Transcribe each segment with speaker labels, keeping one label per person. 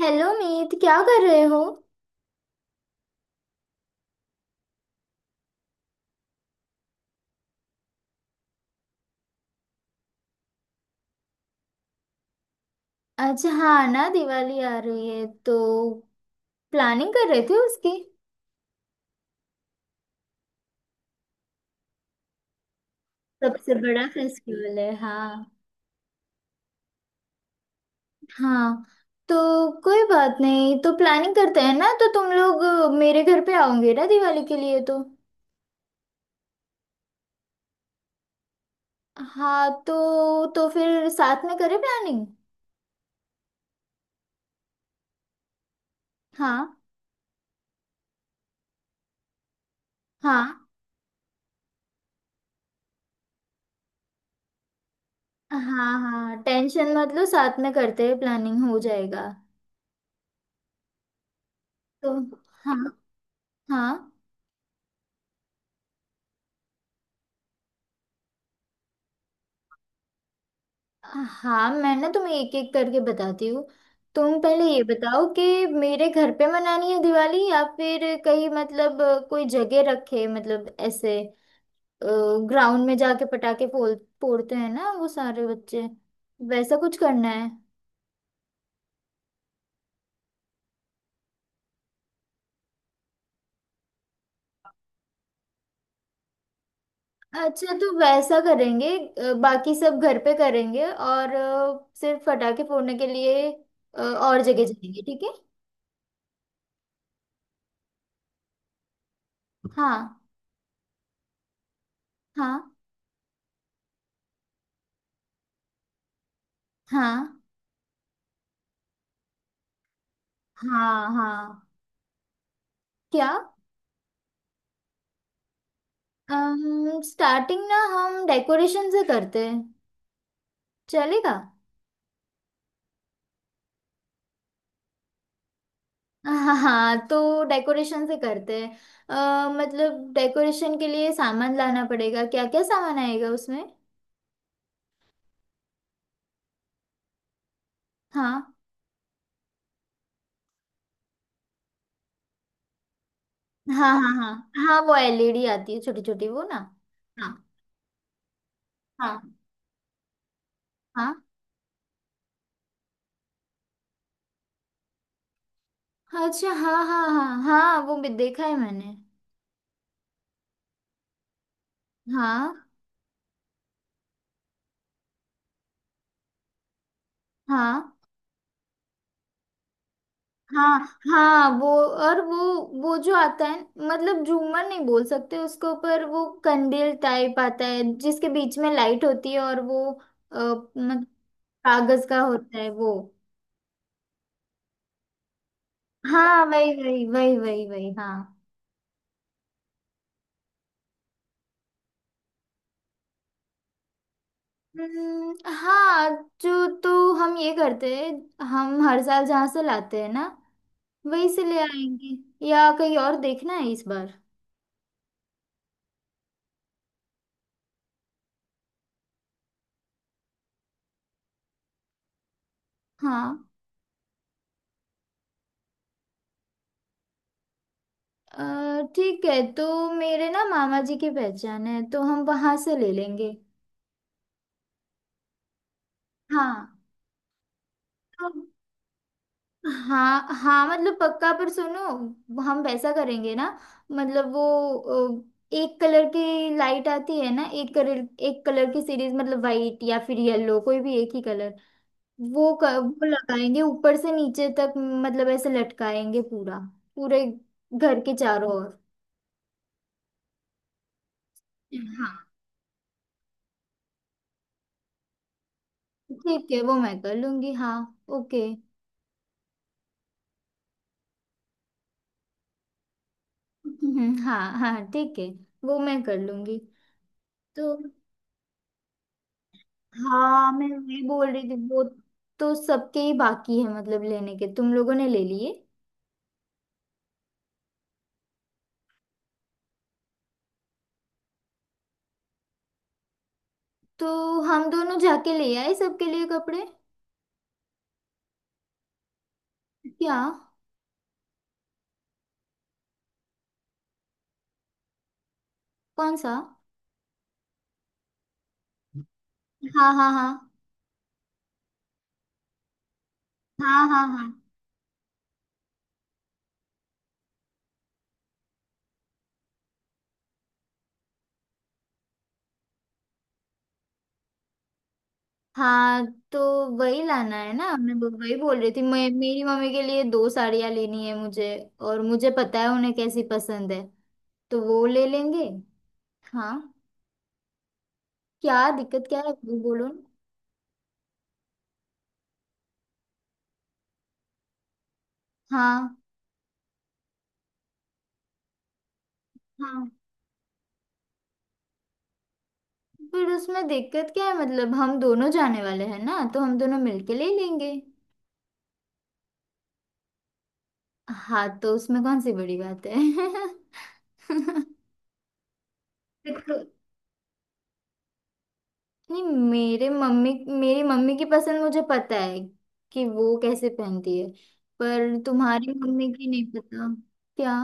Speaker 1: Hello Meet, क्या कर रहे हो? अच्छा, हाँ ना, दिवाली आ रही है तो प्लानिंग कर रहे थे उसकी। सबसे बड़ा फेस्टिवल है। हाँ। हाँ तो कोई बात नहीं, तो प्लानिंग करते हैं ना। तो तुम लोग मेरे घर पे आओगे ना दिवाली के लिए? तो हाँ तो फिर साथ में करें प्लानिंग। हाँ हाँ हाँ हाँ, टेंशन मत लो, साथ में करते हैं, प्लानिंग हो जाएगा। तो हाँ हाँ हाँ, मैं ना तुम्हें एक एक करके बताती हूँ। तुम पहले ये बताओ कि मेरे घर पे मनानी है दिवाली, या फिर कहीं? मतलब कोई जगह रखे, मतलब ऐसे ग्राउंड में जाके पटाखे फोड़ते हैं ना वो सारे बच्चे, वैसा कुछ करना है? अच्छा तो वैसा करेंगे। बाकी सब घर पे करेंगे और सिर्फ पटाखे फोड़ने के लिए और जगह जाएंगे, ठीक है। हाँ हाँ हाँ हाँ हाँ। क्या? हम स्टार्टिंग ना हम डेकोरेशन से करते हैं, चलेगा? हाँ हाँ, तो डेकोरेशन से करते हैं। मतलब डेकोरेशन के लिए सामान लाना पड़ेगा, क्या क्या सामान आएगा उसमें? हाँ हाँ हाँ हाँ हाँ, वो एलईडी आती है छोटी छोटी, वो ना। हाँ हाँ हाँ हाँ, अच्छा, हाँ हाँ हाँ हाँ, वो भी देखा है मैंने। हाँ हाँ हाँ हाँ वो, और वो जो आता है, मतलब झूमर नहीं बोल सकते उसको, पर वो कंडील टाइप आता है जिसके बीच में लाइट होती है और वो, मतलब कागज का होता है वो। हाँ वही वही वही वही वही, हाँ। हाँ, जो तो हम ये करते हैं, हम हर साल जहाँ से लाते हैं ना, वहीं से ले आएंगे, या कहीं और देखना है इस बार। हाँ, ठीक है, तो मेरे ना मामा जी की पहचान है, तो हम वहां से ले लेंगे। हाँ तो हाँ हाँ, मतलब पक्का, पर सुनो, हम वैसा करेंगे ना, मतलब वो, एक कलर की लाइट आती है ना, एक कलर की सीरीज, मतलब वाइट या फिर येलो, कोई भी एक ही कलर, वो वो लगाएंगे ऊपर से नीचे तक, मतलब ऐसे लटकाएंगे पूरा, पूरे घर के चारों ओर। हाँ ठीक है, वो मैं कर लूंगी हाँ। ओके। हाँ हाँ ठीक है, वो मैं कर लूंगी। तो हाँ, मैं वही बोल रही थी, वो तो सबके ही बाकी है मतलब, लेने के। तुम लोगों ने ले लिए? तो हम दोनों जाके ले आए सबके लिए कपड़े। क्या? कौन सा? हाँ हाँ हाँ हाँ हाँ हाँ हाँ। तो वही लाना है ना, मैं वही बोल रही थी। मैं, मेरी मम्मी के लिए दो साड़ियाँ लेनी है मुझे, और मुझे पता है उन्हें कैसी पसंद है, तो वो ले लेंगे। हाँ, क्या दिक्कत, क्या है वो बोलो ना। हाँ हाँ, पर उसमें दिक्कत क्या है, मतलब हम दोनों जाने वाले हैं ना, तो हम दोनों मिलके ले लेंगे। हाँ तो उसमें कौन सी बड़ी बात है? देखो, नहीं, मेरे मम्मी मेरी मम्मी की पसंद मुझे पता है कि वो कैसे पहनती है, पर तुम्हारी मम्मी की नहीं पता। क्या?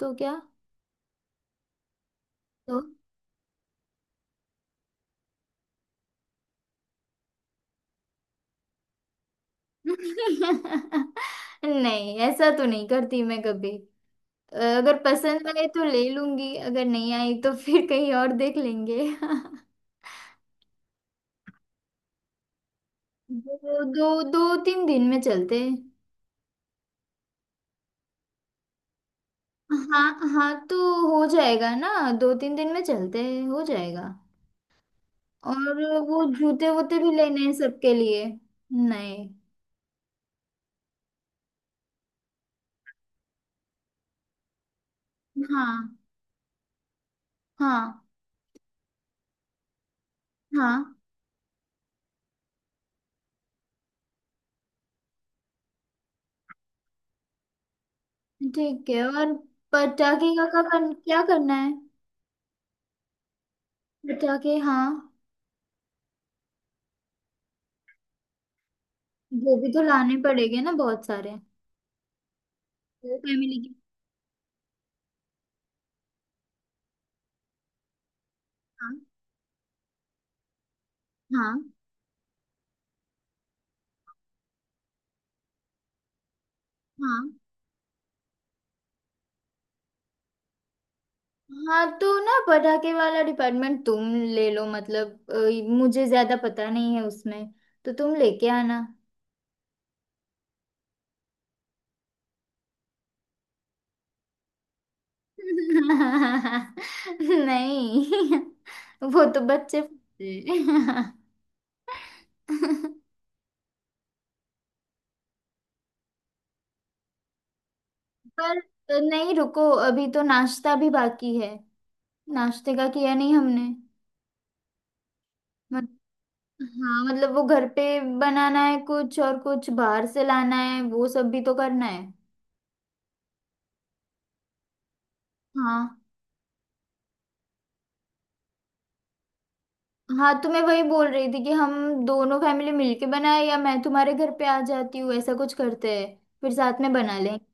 Speaker 1: तो क्या? तो नहीं, ऐसा तो नहीं करती मैं कभी। अगर पसंद आए तो ले लूंगी, अगर नहीं आई तो फिर कहीं और देख लेंगे। दो दो दो तीन दिन में चलते हैं। हाँ हाँ, तो हो जाएगा ना, दो तीन दिन में चलते हैं, हो जाएगा। और वो जूते वूते भी लेने हैं सबके लिए। नहीं, हाँ हाँ हाँ, ठीक है। और पटाखे का क्या करना है? पटाखे, हाँ, वो भी तो लाने पड़ेंगे ना बहुत सारे, फैमिली के। हाँ हाँ हाँ, तो ना पटाखे वाला डिपार्टमेंट तुम ले लो, मतलब मुझे ज्यादा पता नहीं है उसमें, तो तुम लेके आना। नहीं, वो तो बच्चे फंसे। पर नहीं रुको, अभी तो नाश्ता भी बाकी है, नाश्ते का किया नहीं हमने। मत, हाँ मतलब वो घर पे बनाना है कुछ, और कुछ बाहर से लाना है, वो सब भी तो करना है। हाँ हाँ, तो मैं वही बोल रही थी कि हम दोनों फैमिली मिलके बनाए, या मैं तुम्हारे घर पे आ जाती हूँ, ऐसा कुछ करते हैं, फिर साथ में बना लेंगे।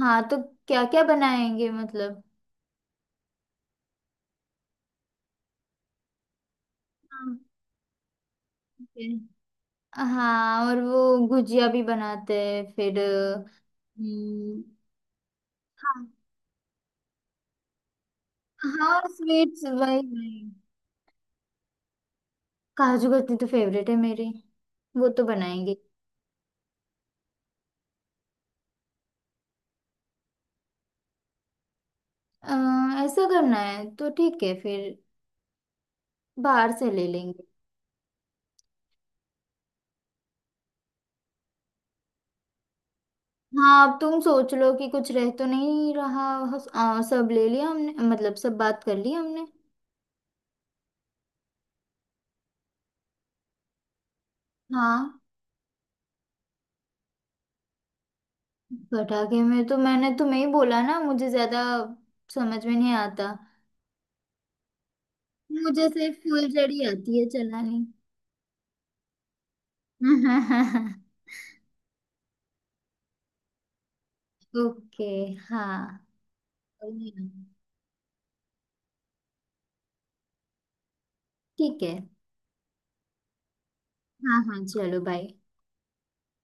Speaker 1: हाँ तो क्या क्या बनाएंगे मतलब? हाँ ठीक है। हाँ, और वो गुजिया भी बनाते हैं फिर। हम्म, हाँ हाँ, और स्वीट्स वही वही। काजू कतली तो फेवरेट है मेरी, वो तो बनाएंगे। अ, ऐसा करना है तो ठीक है, फिर बाहर से ले लेंगे। हाँ, अब तुम सोच लो कि कुछ रह तो नहीं रहा। सब ले लिया हमने, मतलब सब बात कर ली हमने। हाँ, पटाखे में तो मैंने तुम्हें ही बोला ना, मुझे ज्यादा समझ में नहीं आता, मुझे सिर्फ फुलझड़ी आती है चलानी। ओके, हाँ, ठीक है। हाँ हाँ, चलो बाय।